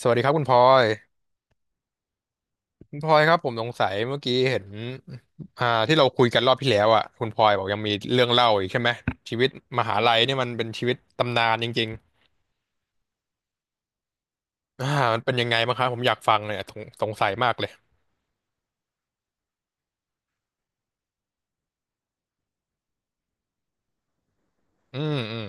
สวัสดีครับคุณพลอยคุณพลอยครับผมสงสัยเมื่อกี้เห็นที่เราคุยกันรอบที่แล้วอ่ะคุณพลอยบอกยังมีเรื่องเล่าอีกใช่ไหมชีวิตมหาลัยเนี่ยมันเป็นชีวิตตำนานจริงๆมันเป็นยังไงบ้างครับผมอยากฟังเลยอะสงสัยมากเลยอืมอืม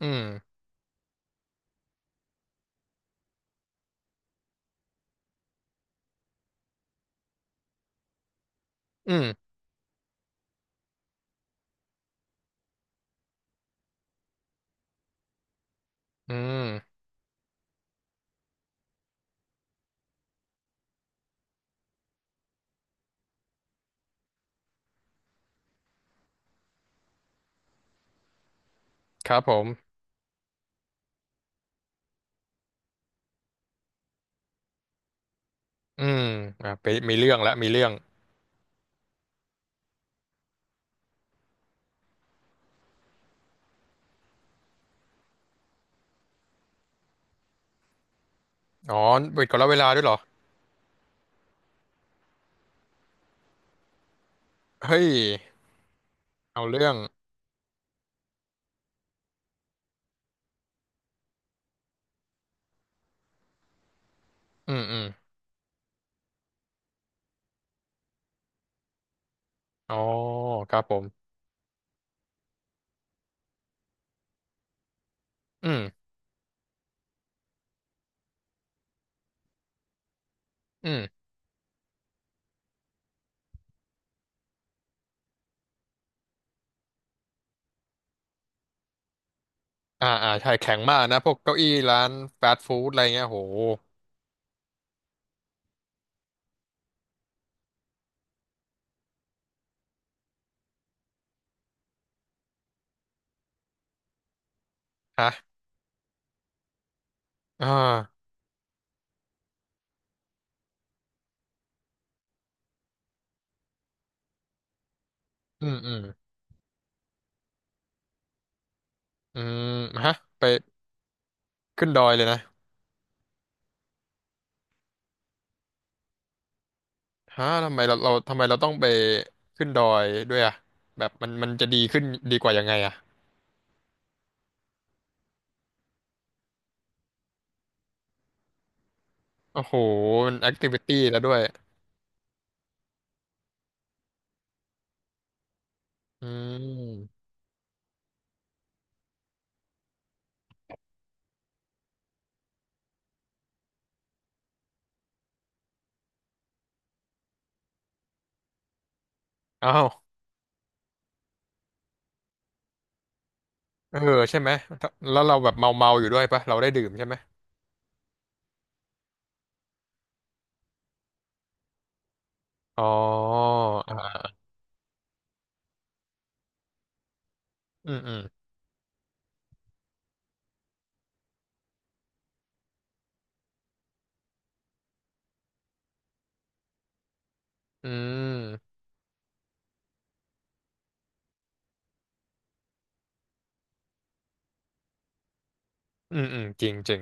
อืมอืมอืมครับผมอืมไปมีเรื่องแล้วมีเรื่องอ๋อเปิดก่อนแล้วเวลาด้วยเหรอเฮ้ยเอาเรื่องอืมอืมอ๋อครับผมอืม อ่าอ่าใช่แข็งมากนะพวกเก้าอี้ร้านฟาสต์ฟู้ดอะไรเงี้ยโหฮะอ่าอืมอืมอืมฮะไปขึ้นดอยเลยนะฮะทำไมเราทำไมเราต้องไปขึ้นดอยด้วยอ่ะแบบมันมันจะดีขึ้นดีกว่ายังไงอ่ะโอ้โหมันแอคทิวิตี้แล้วด้วยอืมอ้าวเออใช่ไหมถ้าแล้วเราแบบเมาเมาอยู่ด้วยปะเราได้ดื่มใช่ไหมอ๋ออ่าอืมอืมอืมอืมอืมจริงจริง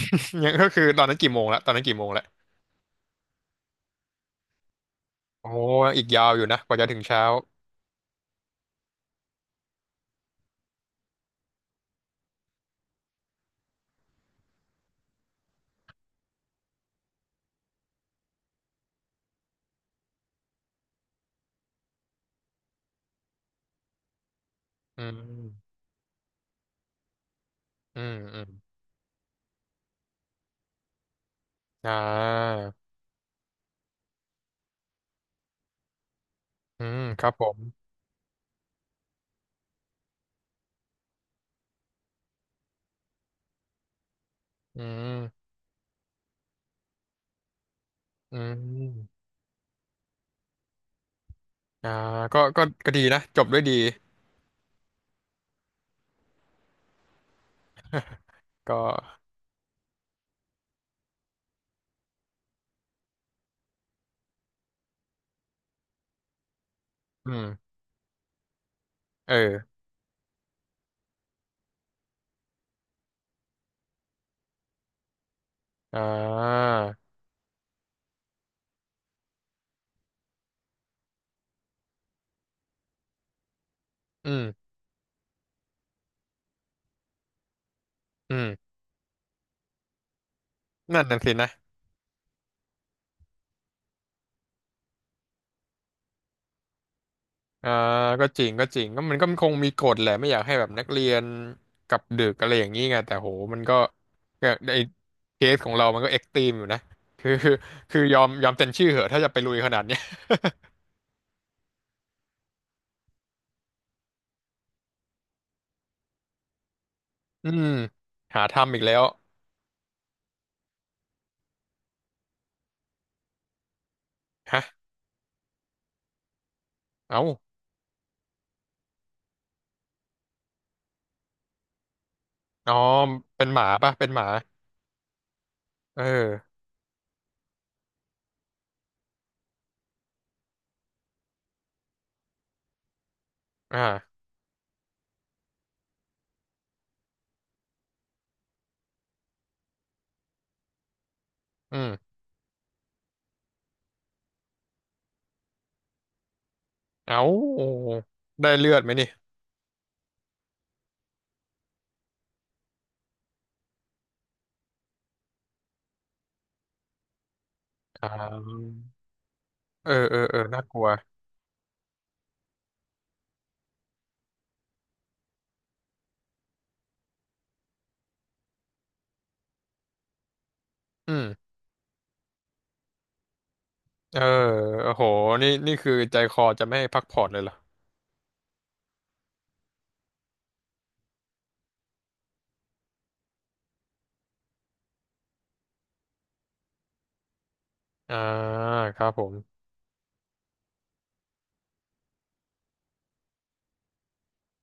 ยังก็คือตอนนั้นกี่โมงละตอนนั้นกี่โมงละ โอ้อีกยาวอยู่นะกว่าจะถึงเช้า อืมอืมอืมอ่าอืมครับผม อืมอืมอ่าก็ก็ก็ดีนะจบด้วยดีก็อืมเอออ่าอืมอืมนั่นน่ะสินะ อ่าก็จริงก็จริงก็มันก็คงมีกฎแหละไม่อยากให้แบบนักเรียนกลับดึกอะไรอย่างนี้ไงแต่โหมันก็ก็ไอเคสของเรามันก็เอ็กซ์ตรีมอยู่นะคือคือยอมเซ็นชื่อเหอะถ้าจะไปลุยขนาดเนี้ย อืมหาทำอีกแล้วฮะเอ้าอ๋อเป็นหมาปะเป็นหมาเอออ่าอืมเอ้าได้เลือดไหมนี่อ่าเออเออเออน่ากลัวอืมเออโอ้โหนี่นี่คือใจคอจะไม่ให้พักผ่อนเลยเหรออ่าครับผม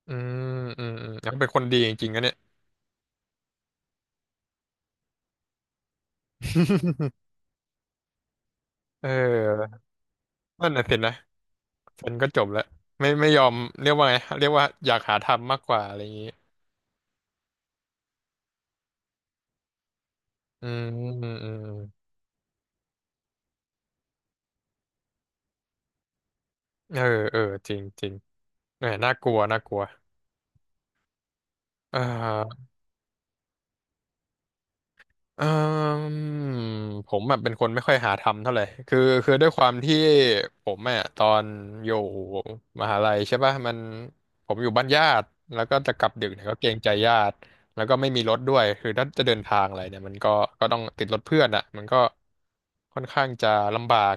อืมอืมอืมแล้วเป็นคนดีจริงๆนะเนี่ยเออนั่นน่ะสินะฉันก็จบแล้วไม่ยอมเรียกว่าไงเรียกว่าอยากหาทำมากกว่าอะไรอย่างนี้อืมอืมอืมเออเออจริงจริง เนี่ยน่ากลัวน่ากลัวเอ่อเอ่มผมแบบเป็นคนไม่ค่อยหาทำเท่าไหร่คือคือด้วยความที่ผมอ่ะตอนอยู่มหาลัยใช่ป่ะมันผมอยู่บ้านญาติแล้วก็จะกลับดึกเนี่ยก็เกรงใจญาติ แล้วก็ไม่มีรถด้วยคือถ้าจะเดินทางอะไรเนี่ยมันก็ก็ต้องติดรถเพื่อนอ่ะมันก็ค่อนข้างจะลำบาก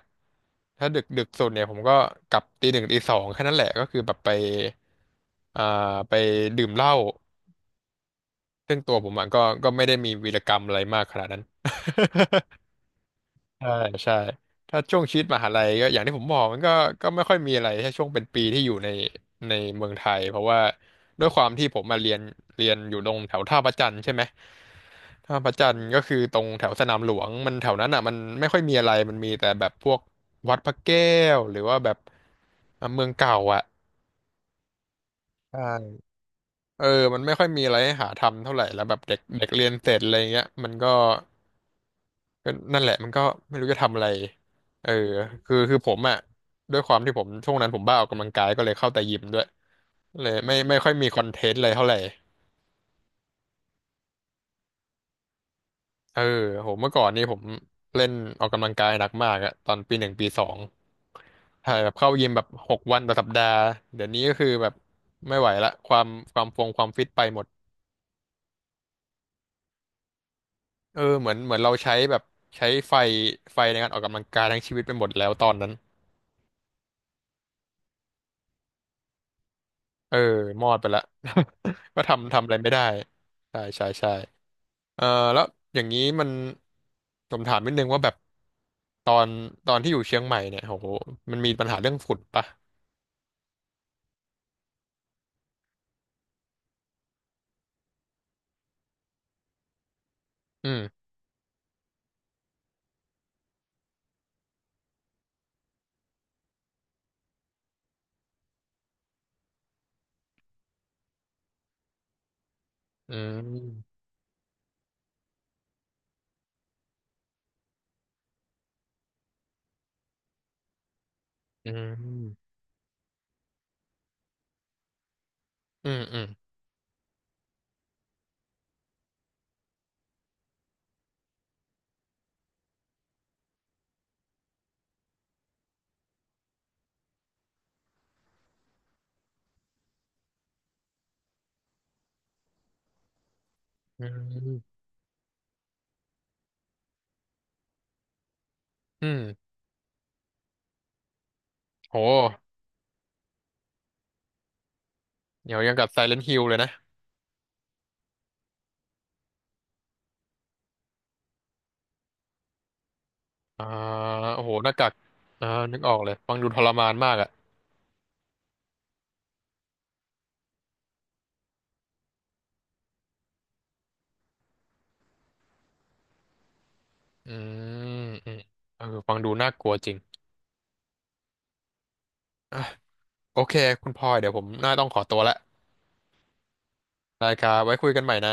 ถ้าดึกดึกสุดเนี่ยผมก็กลับตีหนึ่งตีสองแค่นั้นแหละก็คือแบบไปอ่าไปดื่มเหล้า ซึ่งตัวผมอะก็ก็ไม่ได้มีวีรกรรมอะไรมากขนาดนั้น ใช่ ใช่ถ้าช่วงชีวิตมหาลัยก็อย่างที่ผมบอกมันก็ก็ไม่ค่อยมีอะไรถ้าช่วงเป็นปีที่อยู่ในในเมืองไทยเพราะว่าด้วยความที่ผมมาเรียนเรียนอยู่ตรงแถวท่าพระจันทร์ใช่ไหมท่าพระจันทร์ก็คือตรงแถวสนามหลวงมันแถวนั้นอ่ะมันไม่ค่อยมีอะไรมันมีแต่แบบพวกวัดพระแก้วหรือว่าแบบอ่ะเมืองเก่าอ่ะใช่เออมันไม่ค่อยมีอะไรให้หาทำเท่าไหร่แล้วแบบเด็กเด็กเรียนเสร็จอะไรเงี้ยมันก็ ก็นั่นแหละมันก็ไม่รู้จะทำอะไรเออคือคือผมอ่ะด้วยความที่ผมช่วงนั้นผมบ้าออกกำลังกายก็เลยเข้าแต่ยิมด้วยเลยไม่ค่อยมีคอนเทนต์อะไรเท่าไหร่ เออโหเมื่อก่อนนี่ผมเล่นออกกำลังกายหนักมากอะตอนปีหนึ่งปีสองถ่ายแบบเข้ายิมแบบหกวันต่อสัปดาห์เดี๋ยวนี้ก็คือแบบไม่ไหวละความความฟงความฟิตไปหมดเออเหมือนเหมือนเราใช้แบบใช้ไฟไฟในการออกกำลังกายทั้งชีวิตไปหมดแล้วตอนนั้น เออมอดไปละ ก็ทำทำอะไรไม่ได้ใช่ใช่ใช่เออแล้วอย่างนี้มันผมถามนิดนึงว่าแบบตอนตอนที่อยู่เชียงใหม่เนี่ยโหมันมีปัญหาเรื่องฝุ่นปะอืมอืมอืมอืมอืมอืมอืมโหเดี๋ยวยังกับไซเลน t h ฮิลเลยนะอ่าโอ้โหหน้ากากอ่านึกออกเลยฟังดูทรมานมากอ่ะอืมอืมเออฟังดูน่ากลัวจริงอ่ะโอเคคุณพลอยเดี๋ยวผมน่าต้องขอตัวละ ได้ครับไว้คุยกันใหม่นะ